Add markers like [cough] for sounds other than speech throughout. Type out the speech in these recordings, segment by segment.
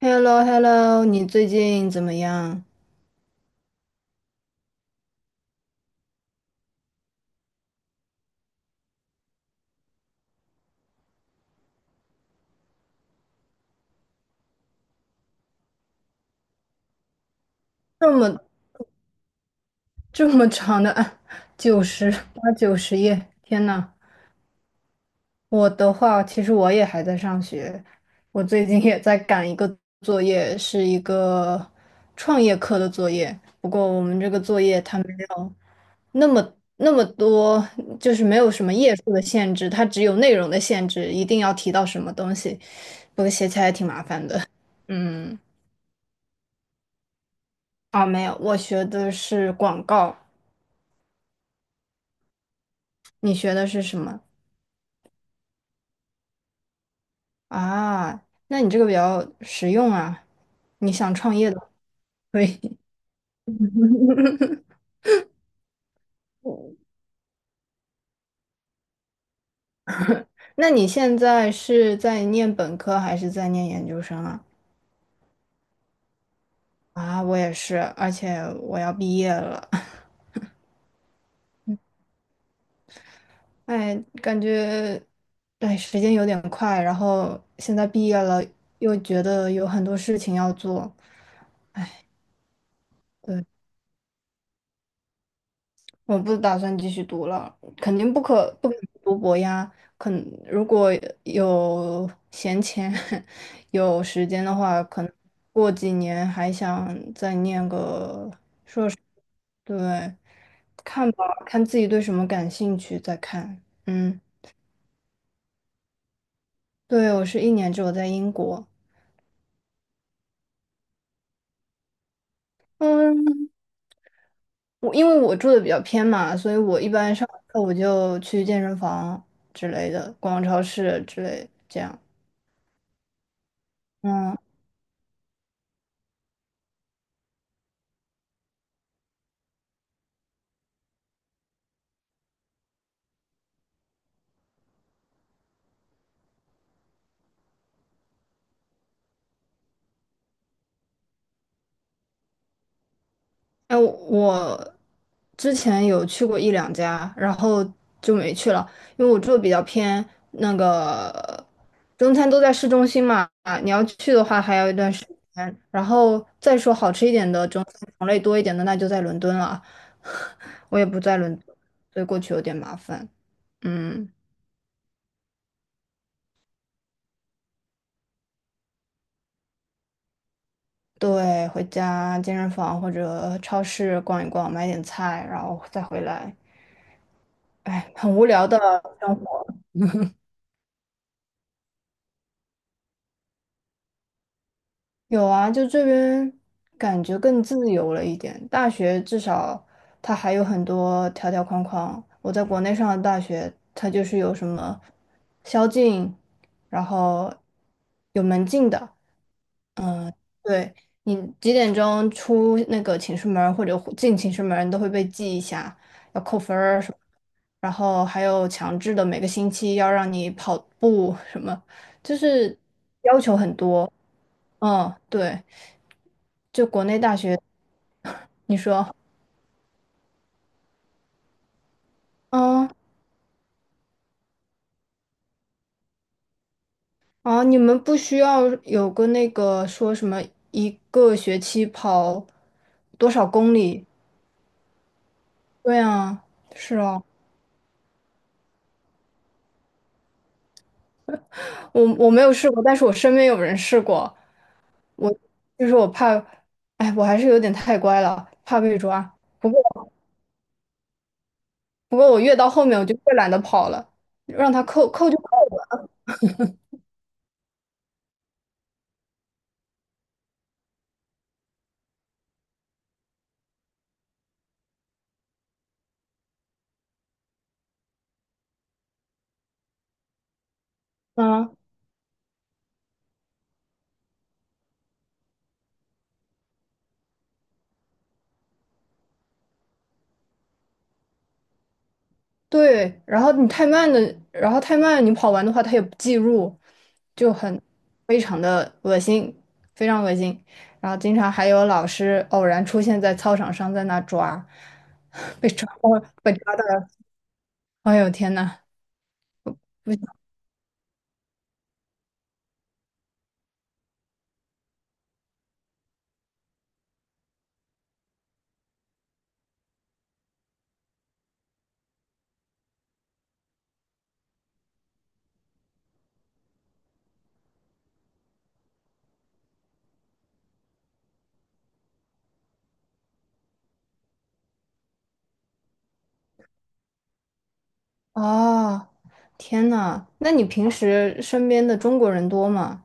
h e l l o h e l l o 你最近怎么样？这么这么长的啊，九十八九十页，天呐，我的话，其实我也还在上学，我最近也在赶一个作业，是一个创业课的作业。不过我们这个作业它没有那么多，就是没有什么页数的限制，它只有内容的限制，一定要提到什么东西。不过写起来还挺麻烦的，嗯。啊，没有，我学的是广告，你学的是什么啊？那你这个比较实用啊，你想创业的话可以。[laughs] 那你现在是在念本科还是在念研究生啊？啊，我也是，而且我要毕业了。[laughs] 哎，感觉，哎，时间有点快，然后现在毕业了，又觉得有很多事情要做。我不打算继续读了，肯定不可能读博呀。肯如果有闲钱、[laughs] 有时间的话，可能过几年还想再念个，对，看吧，看自己对什么感兴趣再看。嗯，对，我是一年之后在英国，嗯，我因为我住的比较偏嘛，所以我一般上完课我就去健身房之类的，逛超市之类这样。嗯。哎，我之前有去过一两家，然后就没去了，因为我住的比较偏，那个中餐都在市中心嘛，你要去的话还要一段时间。然后再说好吃一点的中餐种类多一点的，那就在伦敦了。[laughs] 我也不在伦敦，所以过去有点麻烦。嗯，对，回家健身房或者超市逛一逛，买点菜，然后再回来。哎，很无聊的。有啊，就这边感觉更自由了一点。大学至少它还有很多条条框框。我在国内上的大学，它就是有什么宵禁，然后有门禁的。嗯，对，你几点钟出那个寝室门儿或者进寝室门儿你都会被记一下，要扣分儿什么。然后还有强制的每个星期要让你跑步什么，就是要求很多。嗯，对。就国内大学，你说，嗯，哦，你们不需要有个那个说什么一个学期跑多少公里？对啊，是啊，我没有试过，但是我身边有人试过，我就是我怕，哎，我还是有点太乖了，怕被抓。不过我越到后面我就越懒得跑了，让他扣扣就扣吧。嗯对，然后你太慢的，然后太慢，你跑完的话，它也不计入，就很非常的恶心，非常恶心。然后经常还有老师偶然出现在操场上，在那抓，[laughs] 被抓，哦，被抓到了，哎呦天呐，不行，哦，天呐，那你平时身边的中国人多吗？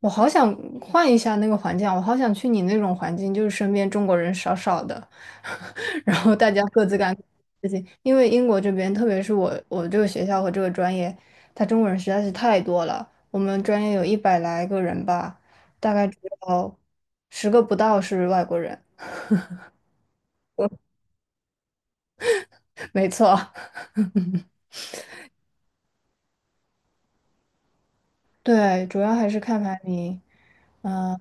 我好想换一下那个环境啊我好想去你那种环境，就是身边中国人少少的，[laughs] 然后大家各自干自己。因为英国这边，特别是我这个学校和这个专业，他中国人实在是太多了。我们专业有100来个人吧，大概只有10个不到是外国人。[laughs] 没错，[laughs] 对，主要还是看排名。嗯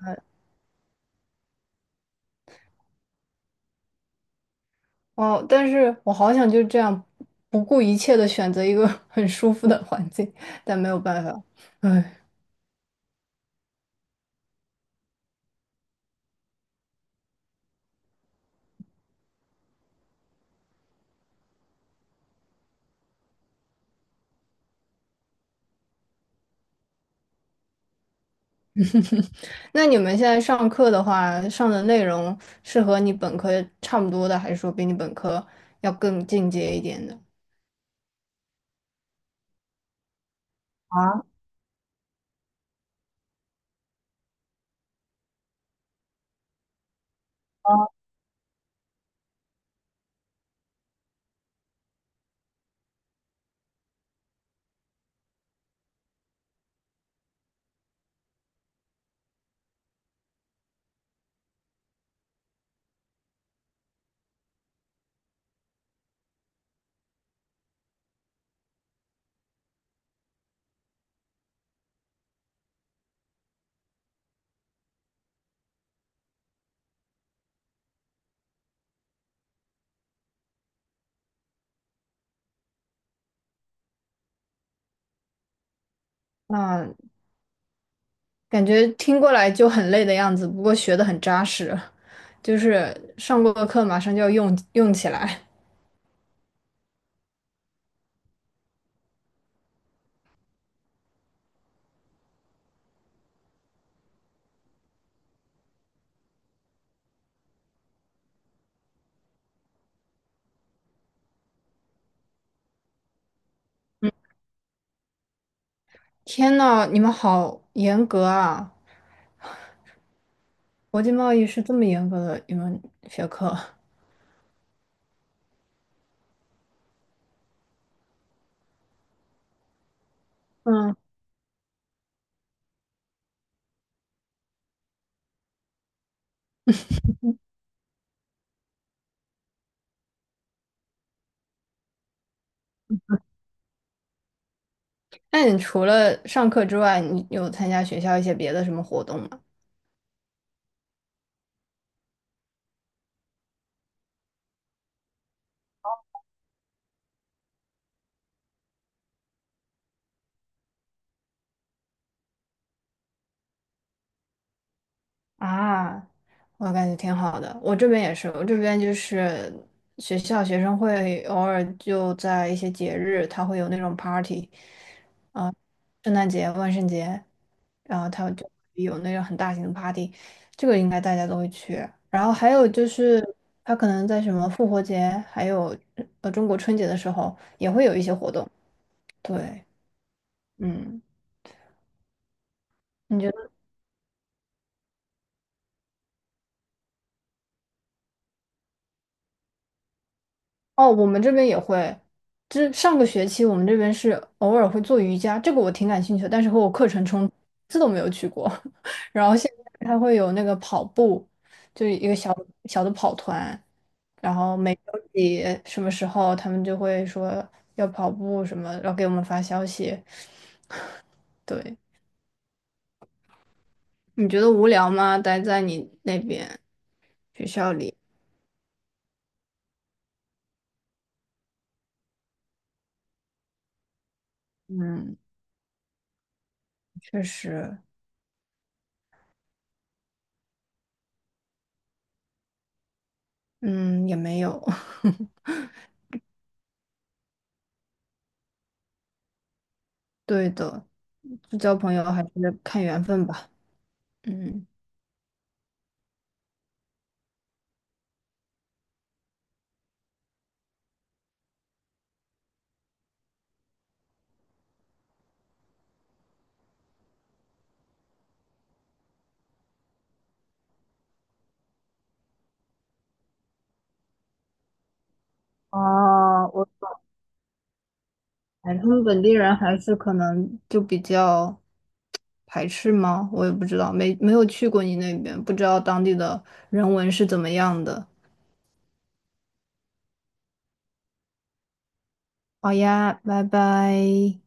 哦，但是我好想就这样不顾一切的选择一个 [laughs] 很舒服的环境，但没有办法。唉，那你们现在上课的话，上的内容是和你本科差不多的，还是说比你本科要更进阶一点的？啊，那感觉听过来就很累的样子，不过学的很扎实，就是上过的课马上就要用用起来。天呐，你们好严格啊！国际贸易是这么严格的一门学科。嗯。那你除了上课之外，你有参加学校一些别的什么活动吗？啊，我感觉挺好的。我这边也是，我这边就是学校学生会偶尔就在一些节日，他会有那种 party，圣诞节、万圣节，然后他就有那种很大型的 party，这个应该大家都会去。然后还有就是，他可能在什么复活节，还有中国春节的时候也会有一些活动。对，嗯。你哦，我们这边也会，这上个学期我们这边是偶尔会做瑜伽，这个我挺感兴趣的，但是和我课程冲突，一次都没有去过。[laughs] 然后现在他会有那个跑步，就是一个小小的跑团，然后每周几什么时候他们就会说要跑步什么，然后给我们发消息。对，你觉得无聊吗？待在你那边学校里？嗯，确实，嗯，也没有。[laughs] 对的，就交朋友还是看缘分吧。嗯，哦，我哎，他们本地人还是可能就比较排斥吗？我也不知道，没有去过你那边，不知道当地的人文是怎么样的。好呀，拜拜。